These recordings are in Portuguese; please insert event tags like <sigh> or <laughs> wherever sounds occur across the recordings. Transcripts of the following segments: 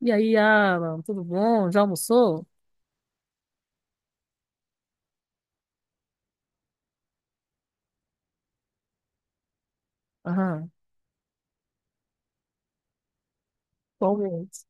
E aí, Alan, tudo bom? Já almoçou? Aham, qual mês?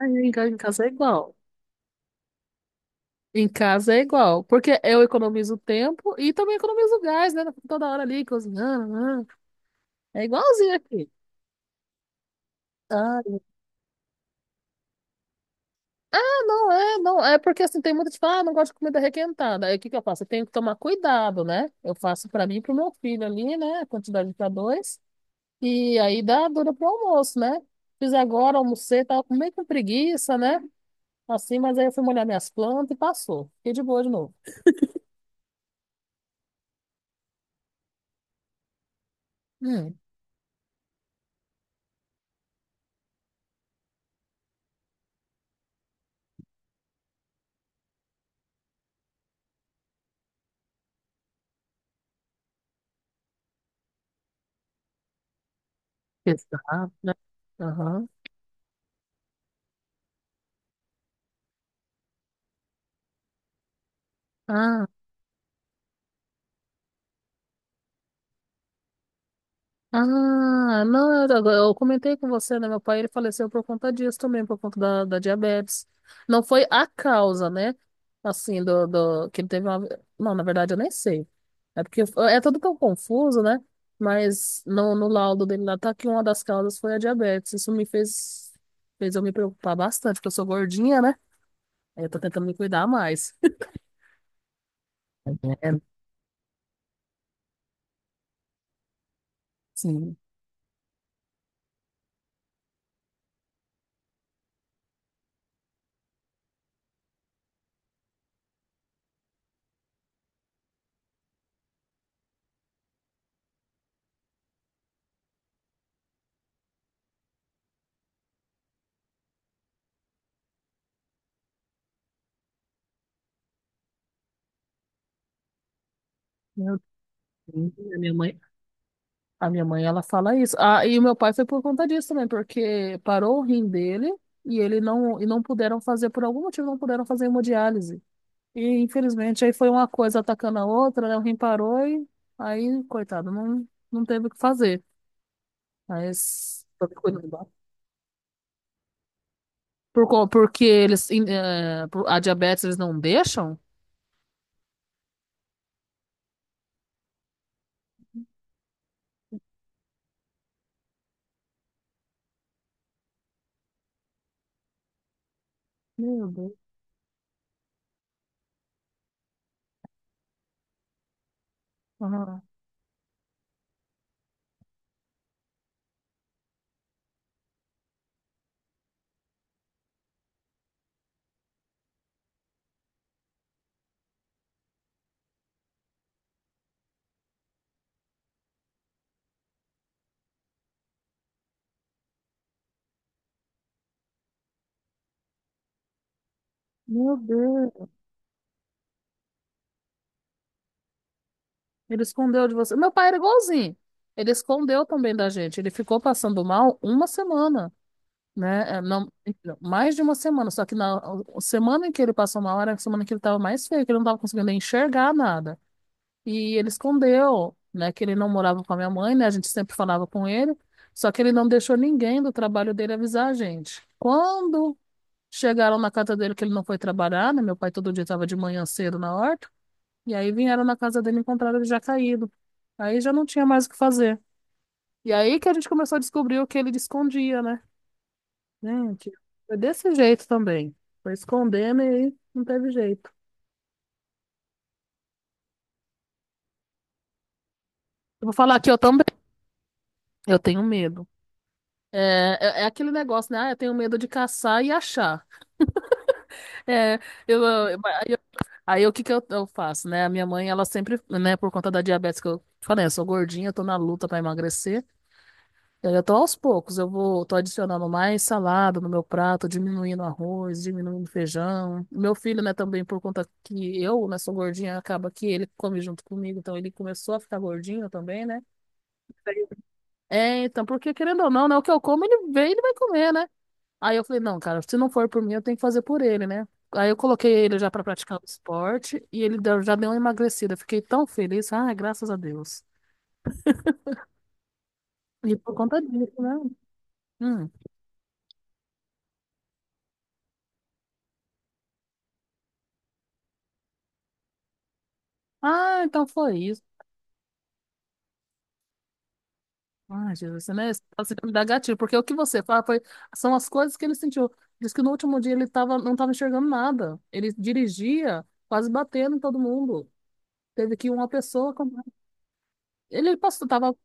Aí, em casa é igual. Em casa é igual, porque eu economizo tempo e também economizo gás, né? Toda hora ali cozinhando. Aham. É igualzinho aqui. Ah, não é, não. É porque assim, tem muita gente que fala, ah, não gosto de comida requentada. Aí o que que eu faço? Eu tenho que tomar cuidado, né? Eu faço pra mim e pro meu filho ali, né? A quantidade pra dois. E aí dá dura pro almoço, né? Fiz agora, almocei, tava com meio com preguiça, né? Assim, mas aí eu fui molhar minhas plantas e passou. Fiquei de boa de novo. Hum, exato, né? Aham. Ah, ah, não, eu comentei com você, né? Meu pai, ele faleceu por conta disso também, por conta da diabetes. Não foi a causa, né? Assim, que ele teve uma... Não, na verdade, eu nem sei. É porque é tudo tão confuso, né? Mas no laudo dele lá tá que uma das causas foi a diabetes. Isso me fez, fez eu me preocupar bastante, porque eu sou gordinha, né? Aí eu tô tentando me cuidar mais. É, sim, meu Deus, a minha mãe, ela fala isso. Ah, e o meu pai foi por conta disso também, porque parou o rim dele e ele não, e não puderam fazer, por algum motivo, não puderam fazer hemodiálise. E infelizmente aí foi uma coisa atacando a outra, né? O rim parou e aí, coitado, não, não teve o que fazer. Mas por, porque eles, a diabetes eles não deixam? Meu Deus. Ah, meu Deus. Ele escondeu de você. Meu pai era igualzinho. Ele escondeu também da gente. Ele ficou passando mal uma semana, né? É, não, não, mais de uma semana. Só que na A semana em que ele passou mal era a semana que ele estava mais feio, que ele não estava conseguindo enxergar nada. E ele escondeu, né? Que ele não morava com a minha mãe, né? A gente sempre falava com ele. Só que ele não deixou ninguém do trabalho dele avisar a gente. Quando chegaram na casa dele que ele não foi trabalhar, né? Meu pai todo dia estava de manhã cedo na horta. E aí vieram na casa dele e encontraram ele já caído. Aí já não tinha mais o que fazer. E aí que a gente começou a descobrir o que ele escondia, né? Gente, foi desse jeito também. Foi escondendo e aí não teve jeito. Eu vou falar aqui, eu também. Eu tenho medo. É aquele negócio, né? Ah, eu tenho medo de caçar e achar. É, eu, eu- aí eu- Aí o que que eu faço, né? A minha mãe, ela sempre, né, por conta da diabetes que eu falei, eu sou gordinha, eu tô na luta pra emagrecer. Eu já tô aos poucos, tô adicionando mais salada no meu prato, diminuindo arroz, diminuindo feijão. Meu filho, né, também por conta que eu, né, sou gordinha, acaba que ele come junto comigo, então ele começou a ficar gordinho também, né? É, então, porque querendo ou não, né, o que eu como, ele vem, ele vai comer, né? Aí eu falei, não, cara, se não for por mim, eu tenho que fazer por ele, né? Aí eu coloquei ele já pra praticar o esporte e já deu uma emagrecida. Fiquei tão feliz, ah, graças a Deus. E por conta disso, né? Hum. Ah, então foi isso. Ai, Jesus, você, né? Esse caso me dá gatilho, porque o que você fala foi, são as coisas que ele sentiu. Diz que no último dia ele tava, não estava enxergando nada. Ele dirigia, quase batendo em todo mundo. Teve que uma pessoa. Com- Ele passou, tava.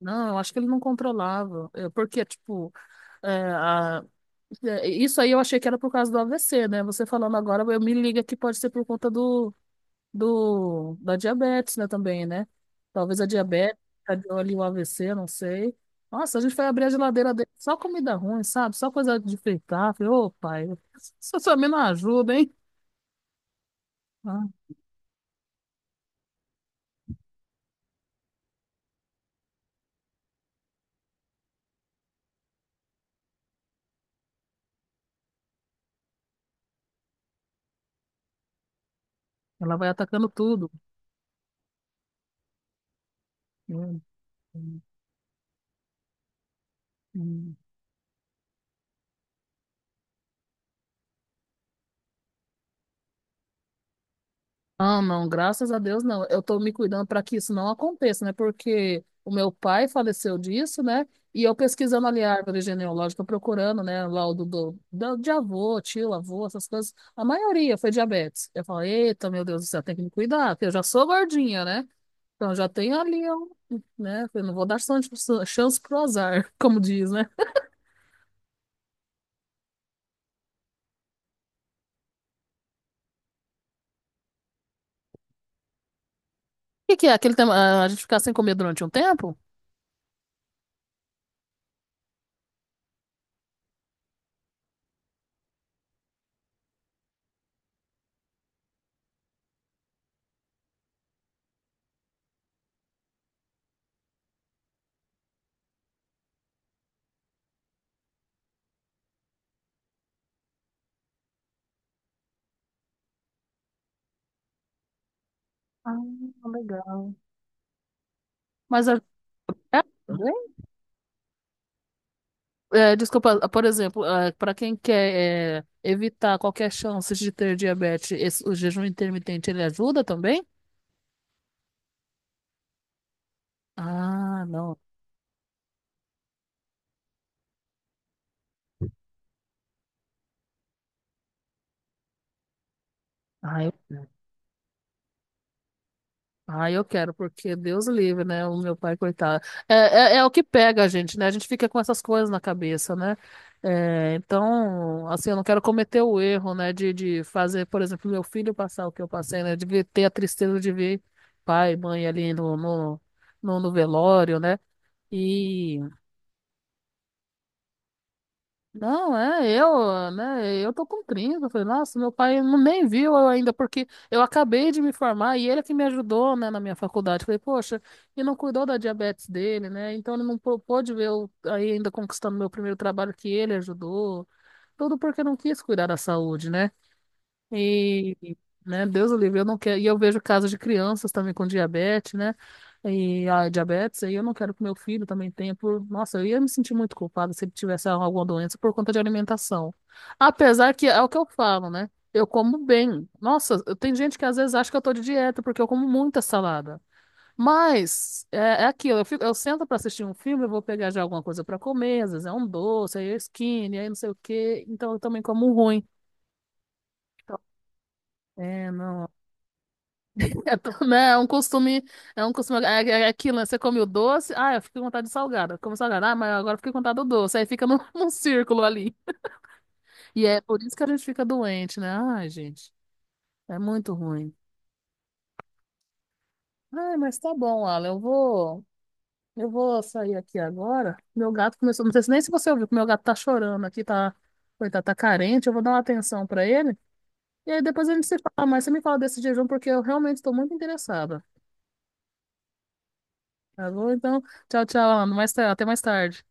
Não, eu acho que ele não controlava. É, porque, tipo, é, a- é, isso aí eu achei que era por causa do AVC, né? Você falando agora, eu me liga que pode ser por conta da diabetes, né, também, né? Talvez a diabetes deu ali o AVC, não sei. Nossa, a gente foi abrir a geladeira dele, só comida ruim, sabe? Só coisa de fritar. Falei, ô, pai, isso também não ajuda, hein? Ah, ela vai atacando tudo. Hum, hum, hum. Ah, não, graças a Deus não. Eu tô me cuidando para que isso não aconteça, né? Porque o meu pai faleceu disso, né? E eu pesquisando ali a árvore genealógica, procurando, né? Lá o de avô, tio, avô, essas coisas. A maioria foi diabetes. Eu falei, eita, meu Deus do céu, tem que me cuidar, porque eu já sou gordinha, né? Então já tenho ali, um, né? Eu não vou dar chance, chance pro azar, <laughs> como diz, né? O que que é aquele tema? Ah, a gente ficar sem comer durante um tempo? Ah, legal. Mas é, é É, desculpa, por exemplo, para quem quer é, evitar qualquer chance de ter diabetes, o jejum intermitente ele ajuda também? Ah, não. Ah, eu, ah, eu quero, porque Deus livre, né? O meu pai, coitado. É o que pega a gente, né? A gente fica com essas coisas na cabeça, né? É, então, assim, eu não quero cometer o erro, né? De fazer, por exemplo, meu filho passar o que eu passei, né? Ter a tristeza de ver pai, mãe ali no velório, né? Não, é, eu, né, eu tô com 30, eu falei, nossa, meu pai não- nem viu eu ainda, porque eu acabei de me formar e ele é que me ajudou, né, na minha faculdade. Eu falei, poxa, e não cuidou da diabetes dele, né, então ele não pôde ver eu aí ainda conquistando meu primeiro trabalho que ele ajudou, tudo porque não quis cuidar da saúde, né. E, né, Deus o livre, eu não quero. E eu vejo casos de crianças também com diabetes, né? E a diabetes, aí eu não quero que meu filho também tenha por. Nossa, eu ia me sentir muito culpada se ele tivesse alguma doença por conta de alimentação. Apesar que é o que eu falo, né? Eu como bem. Nossa, tem gente que às vezes acha que eu tô de dieta porque eu como muita salada. Mas é, é aquilo, eu fico, eu sento pra assistir um filme, eu vou pegar já alguma coisa pra comer, às vezes é um doce, aí é skinny, aí não sei o quê. Então eu também como ruim. Então, é, não. É, né, é um costume, é um costume, é aquilo, né? Você come o doce, ah, eu fiquei com vontade de salgada, como salgada, ah, mas agora eu fiquei com vontade do doce, aí fica num, <laughs> num círculo ali. E é por isso que a gente fica doente, né? Ai, gente, é muito ruim. Ai, mas tá bom, Alan, eu vou sair aqui agora. Meu gato começou, não sei nem se você ouviu, que meu gato tá chorando aqui, tá, coitado, tá carente, eu vou dar uma atenção pra ele. E aí depois a gente se fala, mas você me fala desse jejum porque eu realmente estou muito interessada, tá bom? Então, tchau, tchau, Alan, mais, até mais tarde.